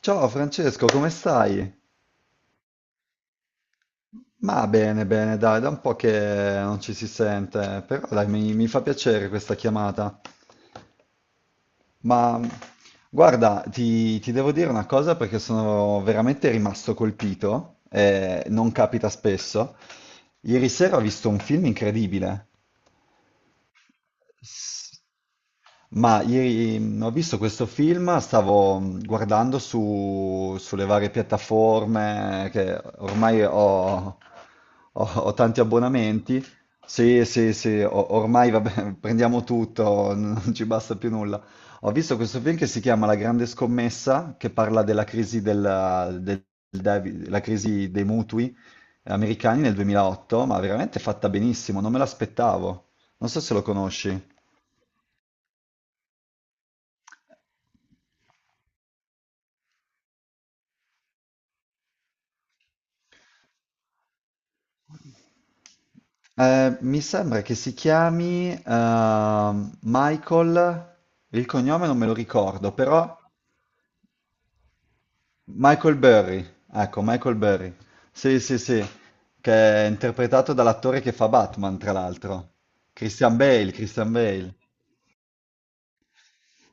Ciao Francesco, come stai? Ma bene, bene, dai, da un po' che non ci si sente, però dai, mi fa piacere questa chiamata. Ma guarda, ti devo dire una cosa perché sono veramente rimasto colpito, non capita spesso. Ieri sera ho visto un film incredibile. S- Ma ieri ho visto questo film, stavo guardando sulle varie piattaforme che ormai ho, ho tanti abbonamenti. Sì, sì, sì, ormai vabbè, prendiamo tutto, non ci basta più nulla. Ho visto questo film che si chiama La Grande Scommessa, che parla della crisi, la crisi dei mutui americani nel 2008, ma veramente fatta benissimo, non me l'aspettavo. Non so se lo conosci. Mi sembra che si chiami Michael, il cognome non me lo ricordo, però Michael Burry, ecco, Michael Burry. Sì, sì, sì, che è interpretato dall'attore che fa Batman, tra l'altro. Christian Bale, Christian Bale.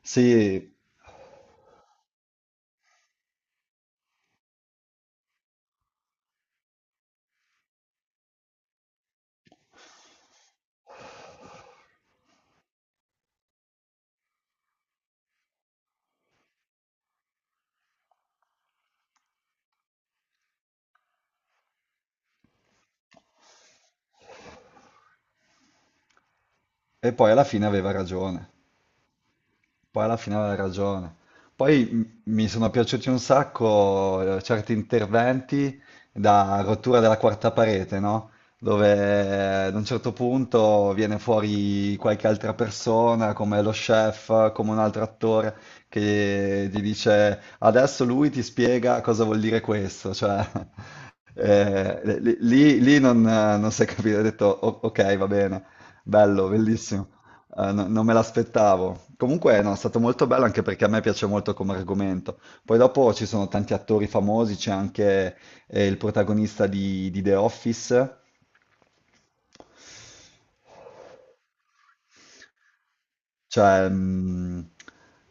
Sì, e poi alla fine aveva ragione. Poi alla fine aveva ragione. Poi mi sono piaciuti un sacco certi interventi da rottura della quarta parete, no? Dove ad un certo punto viene fuori qualche altra persona, come lo chef, come un altro attore, che gli dice adesso lui ti spiega cosa vuol dire questo, cioè lì non, non si è capito, ho detto Ok, va bene, bello, bellissimo." Non me l'aspettavo. Comunque, no, è stato molto bello anche perché a me piace molto come argomento. Poi dopo ci sono tanti attori famosi, c'è anche il protagonista di The Office. Cioè,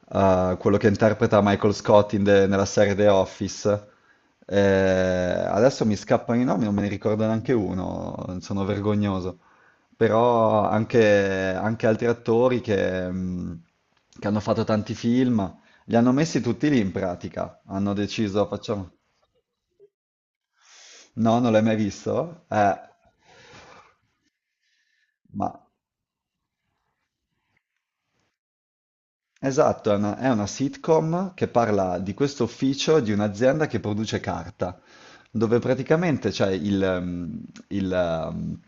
quello che interpreta Michael Scott in nella serie The Office. Adesso mi scappano i nomi, non me ne ricordo neanche uno, sono vergognoso. Però anche, anche altri attori che hanno fatto tanti film, li hanno messi tutti lì in pratica. Hanno deciso, facciamo... No, non l'hai mai visto? Ma... Esatto, è una sitcom che parla di questo ufficio di un'azienda che produce carta, dove praticamente c'è il,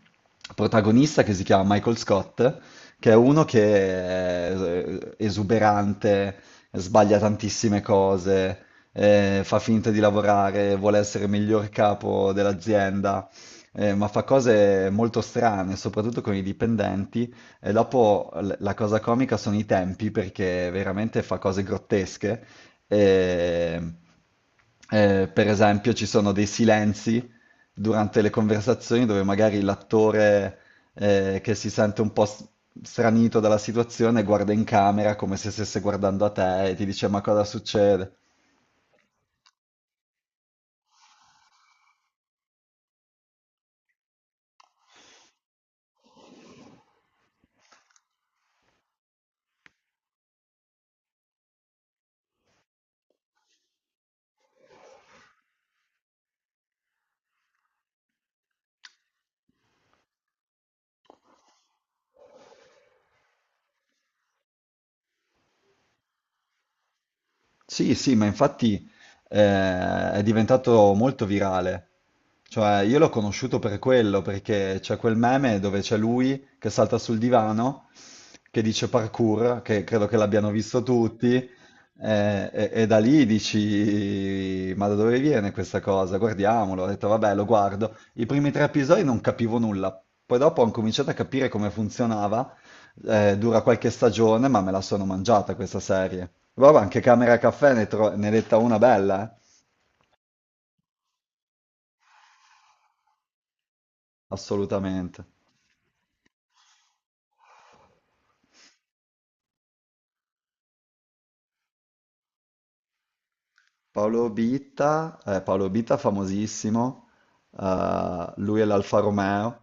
protagonista che si chiama Michael Scott, che è uno che è esuberante, sbaglia tantissime cose, fa finta di lavorare, vuole essere il miglior capo dell'azienda, ma fa cose molto strane, soprattutto con i dipendenti. E dopo la cosa comica sono i tempi perché veramente fa cose grottesche. E- per esempio, ci sono dei silenzi durante le conversazioni dove magari l'attore che si sente un po' stranito dalla situazione guarda in camera come se stesse guardando a te e ti dice: "Ma cosa succede?" Sì, sì, ma infatti è diventato molto virale. Cioè, io l'ho conosciuto per quello, perché c'è quel meme dove c'è lui che salta sul divano, che dice parkour, che credo che l'abbiano visto tutti, e da lì dici, ma da dove viene questa cosa? Guardiamolo. Ho detto, vabbè, lo guardo. I primi 3 episodi non capivo nulla, poi dopo ho cominciato a capire come funzionava. Dura qualche stagione, ma me la sono mangiata questa serie. Vabbè, anche Camera Caffè ne, ne detta una bella, eh? Assolutamente. Paolo Bitta, Paolo Bitta famosissimo, lui è l'Alfa Romeo,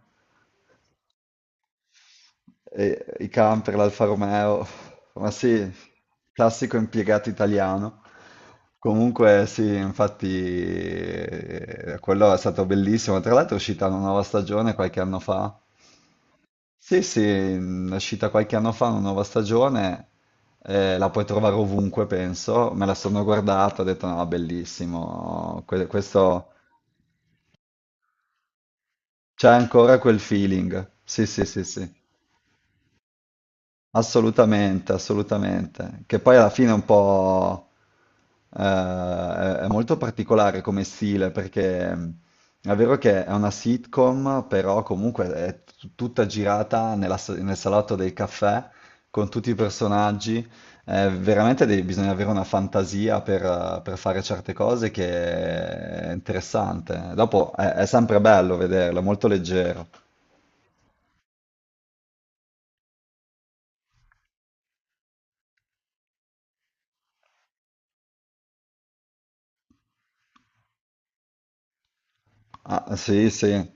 e i camper, l'Alfa Romeo, ma sì, classico impiegato italiano. Comunque sì, infatti quello è stato bellissimo, tra l'altro è uscita una nuova stagione qualche anno fa. Sì, sì, è uscita qualche anno fa una nuova stagione, la puoi trovare ovunque, penso. Me la sono guardata, ho detto no, bellissimo, questo c'è ancora quel feeling. Sì, sì, sì, sì. Assolutamente, assolutamente. Che poi alla fine è un po' è molto particolare come stile, perché è vero che è una sitcom, però comunque è tutta girata nella nel salotto del caffè con tutti i personaggi. Veramente bisogna avere una fantasia per fare certe cose che è interessante. Dopo è sempre bello vederlo, è molto leggero. Ah, sì, sì.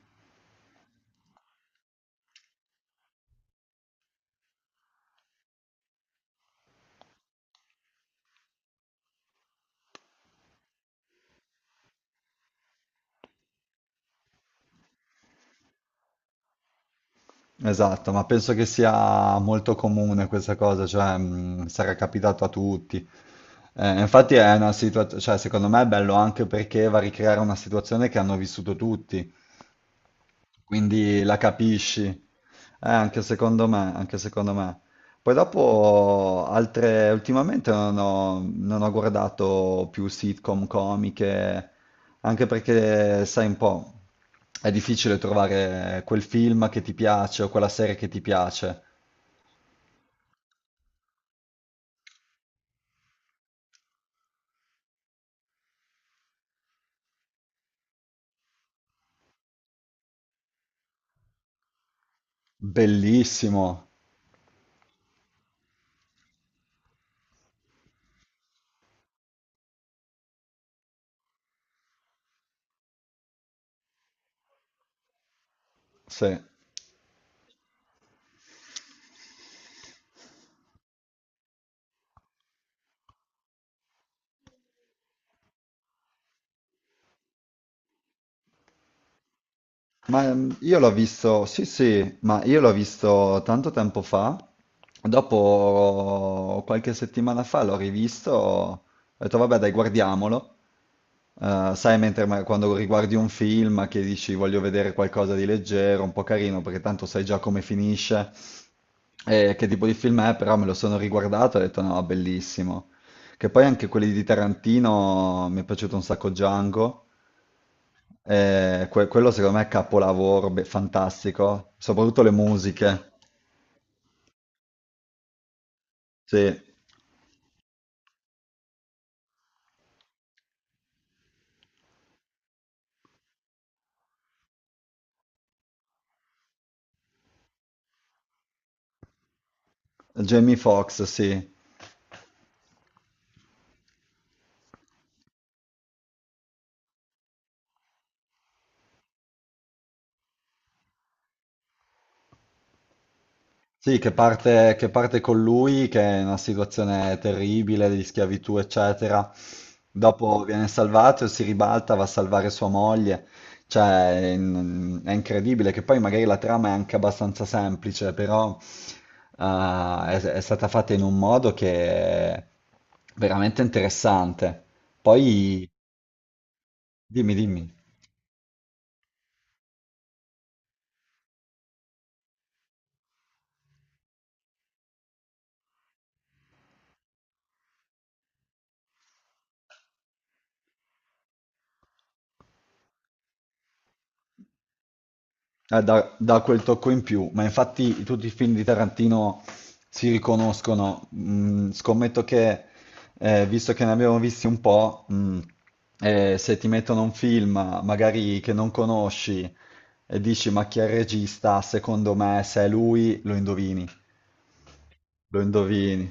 Esatto, ma penso che sia molto comune questa cosa, cioè sarà capitato a tutti. Infatti è una situazione, cioè secondo me è bello anche perché va a ricreare una situazione che hanno vissuto tutti. Quindi la capisci. Anche secondo me, anche secondo me. Poi dopo altre, ultimamente non ho, non ho guardato più sitcom comiche, anche perché, sai un po', è difficile trovare quel film che ti piace o quella serie che ti piace. Bellissimo, sì. Ma io l'ho visto, sì sì, ma io l'ho visto tanto tempo fa, dopo qualche settimana fa l'ho rivisto, ho detto vabbè dai guardiamolo. Sai mentre quando riguardi un film che dici voglio vedere qualcosa di leggero, un po' carino, perché tanto sai già come finisce e che tipo di film è, però me lo sono riguardato e ho detto no, bellissimo. Che poi anche quelli di Tarantino mi è piaciuto un sacco Django. Quello secondo me è capolavoro, fantastico, soprattutto le musiche. Sì, Jamie Foxx, sì. Sì, che parte con lui, che è in una situazione terribile di schiavitù, eccetera. Dopo viene salvato e si ribalta, va a salvare sua moglie. Cioè, è, è incredibile, che poi magari la trama è anche abbastanza semplice, però è stata fatta in un modo che è veramente interessante. Poi dimmi, dimmi. Dà, dà quel tocco in più, ma infatti tutti i film di Tarantino si riconoscono. Mm, scommetto che, visto che ne abbiamo visti un po', se ti mettono un film magari che non conosci e dici ma chi è il regista, secondo me se è lui lo indovini, lo indovini.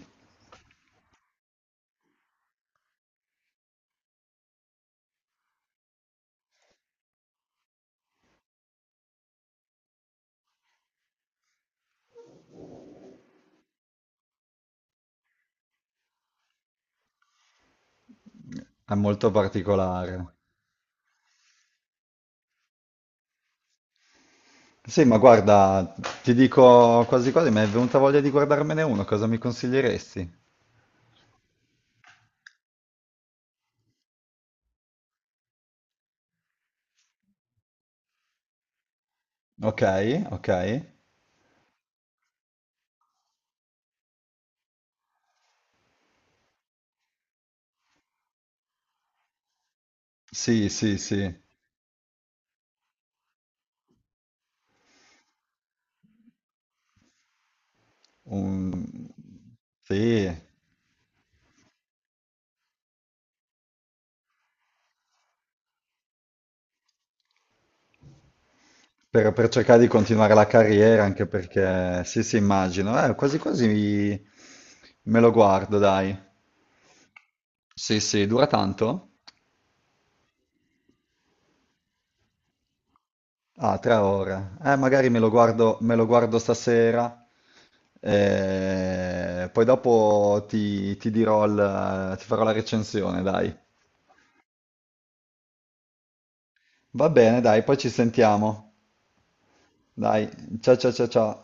È molto particolare. Sì, ma guarda, ti dico quasi quasi, mi è venuta voglia di guardarmene uno, cosa mi consiglieresti? Ok, ok. Sì, sì, sì, Un- sì. Per cercare di continuare la carriera, anche perché, sì, sì, immagino. Quasi quasi me lo guardo, dai. Sì, sì, dura tanto? Ah, 3 ore. Magari me lo guardo stasera, eh, poi dopo ti, ti dirò, ti farò la recensione, dai. Va bene, dai, poi ci sentiamo. Dai, ciao, ciao, ciao, ciao.